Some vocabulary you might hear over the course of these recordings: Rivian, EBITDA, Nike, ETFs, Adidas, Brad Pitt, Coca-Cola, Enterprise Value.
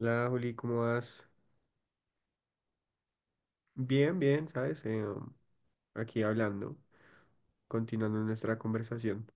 Hola, Juli, ¿cómo vas? Bien, bien, ¿sabes? Aquí hablando, continuando nuestra conversación.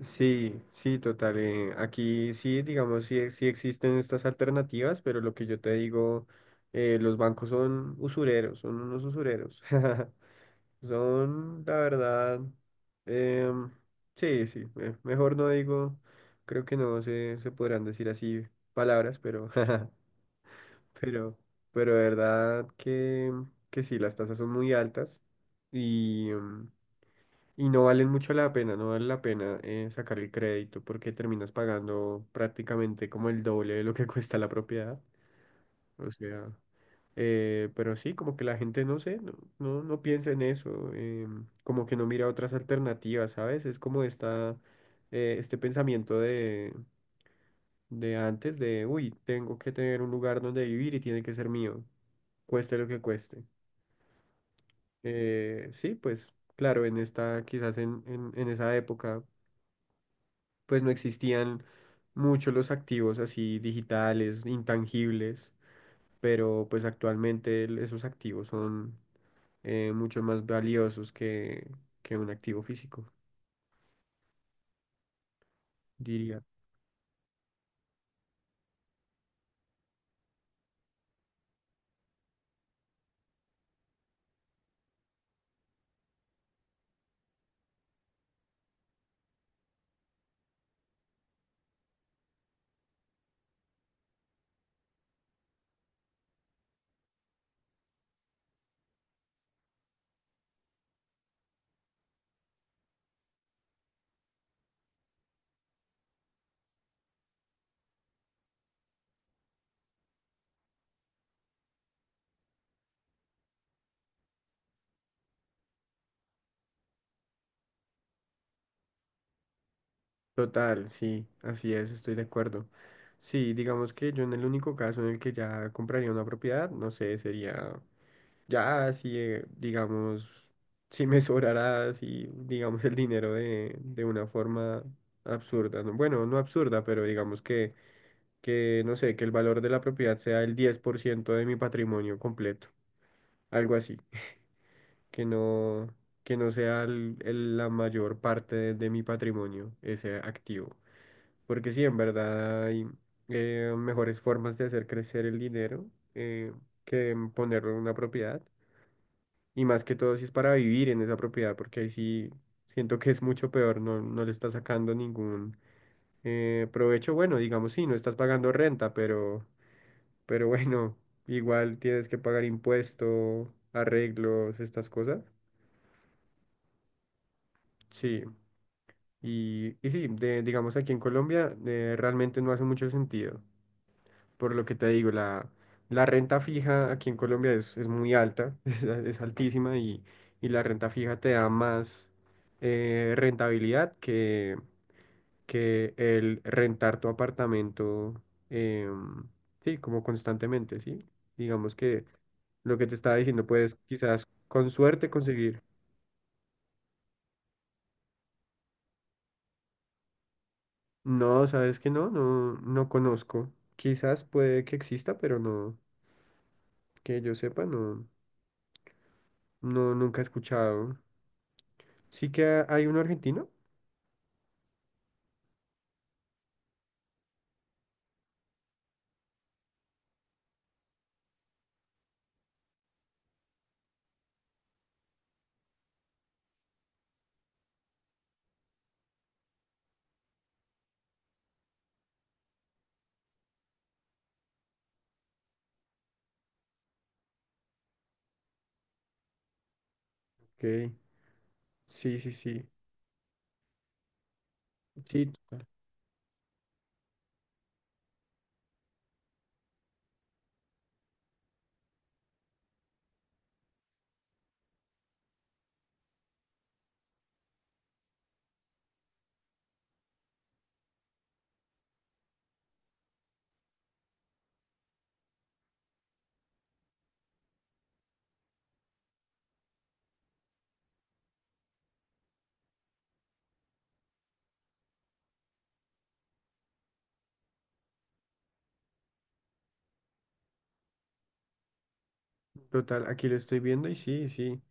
Sí, sí, total. Aquí sí, digamos, sí, sí existen estas alternativas, pero lo que yo te digo, los bancos son usureros, son unos usureros. Son, la verdad, em, sí, sí, mejor no digo, creo que no se podrán decir así palabras, pero Pero, pero de verdad que, sí, las tasas son muy altas y, y no valen mucho la pena, no vale la pena sacar el crédito porque terminas pagando prácticamente como el doble de lo que cuesta la propiedad. O sea, pero sí, como que la gente no sé, no piensa en eso, como que no mira otras alternativas, ¿sabes? Es como esta, este pensamiento de, antes de, uy, tengo que tener un lugar donde vivir y tiene que ser mío cueste lo que cueste. Sí, pues claro, en esta, quizás en, esa época, pues no existían mucho los activos así digitales, intangibles, pero pues actualmente esos activos son mucho más valiosos que, un activo físico, diría. Total, sí, así es, estoy de acuerdo. Sí, digamos que yo en el único caso en el que ya compraría una propiedad, no sé, sería. Ya, si, digamos, si me sobrará, si, digamos, el dinero de, una forma absurda, ¿no? Bueno, no absurda, pero digamos que, no sé, que el valor de la propiedad sea el 10% de mi patrimonio completo, algo así, que no, que no sea la mayor parte de, mi patrimonio, ese activo. Porque sí, en verdad hay mejores formas de hacer crecer el dinero eh, que ponerlo en una propiedad. Y más que todo si es para vivir en esa propiedad, porque ahí sí siento que es mucho peor, no le estás sacando ningún provecho. Bueno, digamos, sí, no estás pagando renta, pero, bueno, igual tienes que pagar impuesto, arreglos, estas cosas. Sí, y, sí, digamos aquí en Colombia realmente no hace mucho sentido. Por lo que te digo, la, renta fija aquí en Colombia es, muy alta, es, altísima y, la renta fija te da más rentabilidad que, el rentar tu apartamento, em, sí, como constantemente, sí. Digamos que lo que te estaba diciendo, puedes quizás con suerte conseguir. No, sabes que no, no conozco. Quizás puede que exista, pero no, que yo sepa, no, no, nunca he escuchado. Sí que hay un argentino. Ok. Sí, sí, sí. Sí, total. Total, aquí lo estoy viendo y sí, sí.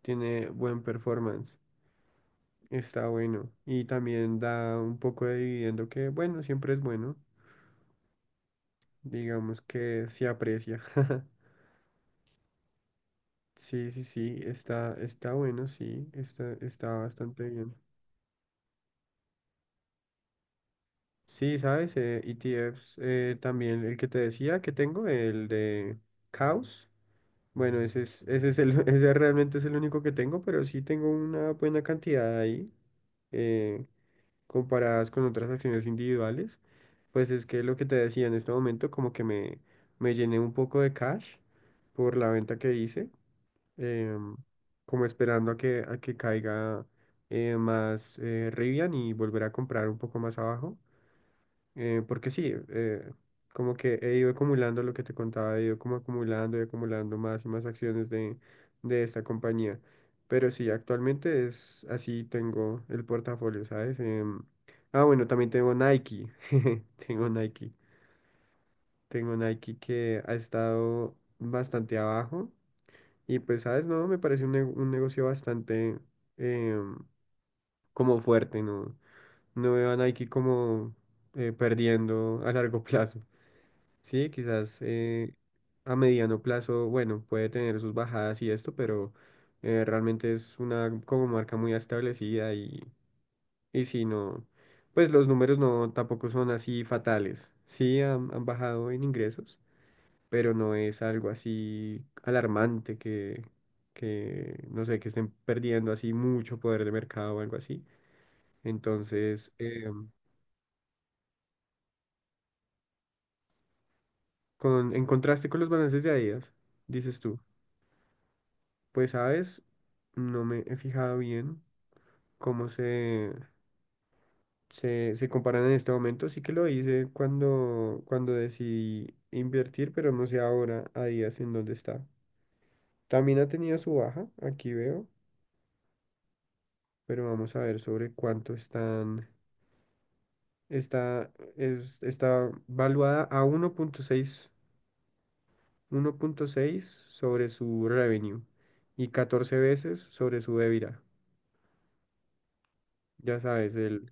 Tiene buen performance. Está bueno. Y también da un poco de dividendo que, bueno, siempre es bueno. Digamos que se aprecia. Sí, sí, sí. Está bueno, sí. Está bastante bien. Sí, ¿sabes? ETFs, también el que te decía que tengo, el de Caos. Bueno, ese es el, ese realmente es el único que tengo, pero sí tengo una buena cantidad ahí, eh, comparadas con otras acciones individuales. Pues es que lo que te decía en este momento, como que me, llené un poco de cash por la venta que hice, em, como esperando a que, caiga más Rivian y volver a comprar un poco más abajo. Porque sí, como que he ido acumulando lo que te contaba, he ido como acumulando y acumulando más y más acciones de, esta compañía. Pero sí, actualmente es así tengo el portafolio, ¿sabes? Bueno, también tengo Nike. Tengo Nike. Tengo Nike que ha estado bastante abajo. Y pues, ¿sabes? No, me parece un negocio bastante em, como fuerte, ¿no? No veo a Nike como perdiendo a largo plazo. Sí, quizás a mediano plazo, bueno, puede tener sus bajadas y esto, pero realmente es una como marca muy establecida y, si no, pues los números no tampoco son así fatales. Sí han bajado en ingresos, pero no es algo así alarmante que, no sé, que estén perdiendo así mucho poder de mercado o algo así. Entonces, en contraste con los balances de Adidas, dices tú. Pues sabes, no me he fijado bien cómo se comparan en este momento. Sí que lo hice cuando, decidí invertir, pero no sé ahora a días en dónde está. También ha tenido su baja, aquí veo, pero vamos a ver sobre cuánto están. Está, está valuada a uno punto seis sobre su revenue y 14 veces sobre su EBITDA. Ya sabes,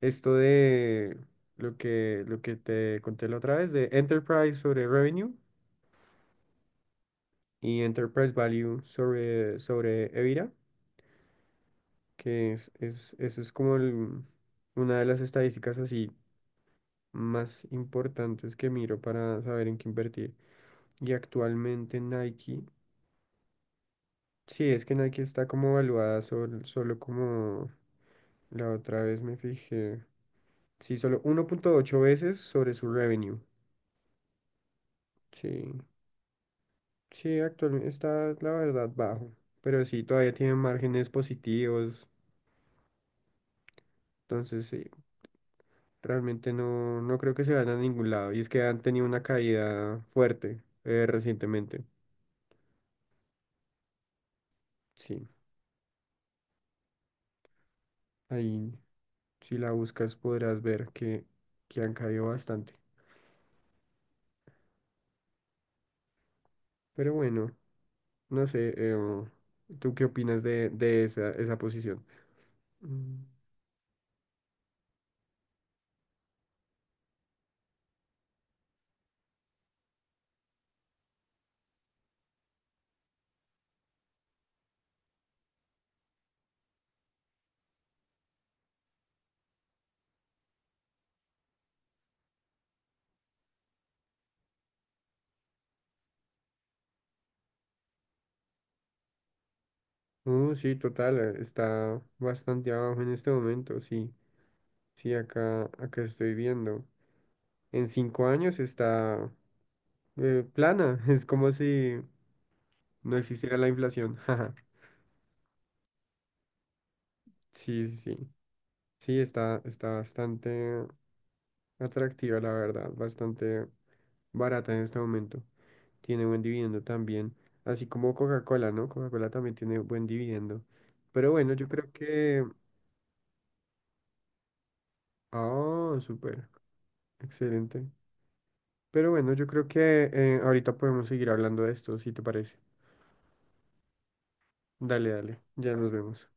esto de lo que, te conté la otra vez, de Enterprise sobre Revenue y Enterprise Value sobre, EBITDA, que eso es como una de las estadísticas así más importantes que miro para saber en qué invertir. Y actualmente Nike, sí, es que Nike está como evaluada solo como la otra vez me fijé, sí, solo 1.8 veces sobre su revenue. Sí. Sí, actualmente está, la verdad, bajo, pero sí, todavía tiene márgenes positivos, entonces sí, realmente no, creo que se vayan a ningún lado. Y es que han tenido una caída fuerte recientemente. Sí, ahí, si la buscas, podrás ver que, han caído bastante. Pero bueno, no sé, ¿tú qué opinas de, esa, posición? Mm, sí, total, está bastante abajo en este momento, sí, sí, acá, estoy viendo. En 5 años está plana. Es como si no existiera la inflación. Jaja. Sí, sí, sí. Sí, está bastante atractiva, la verdad. Bastante barata en este momento. Tiene buen dividendo también. Así como Coca-Cola, ¿no? Coca-Cola también tiene buen dividendo. Pero bueno, yo creo que... Ah, súper. Excelente. Pero bueno, yo creo que ahorita podemos seguir hablando de esto, si te parece. Dale, dale. Ya nos vemos.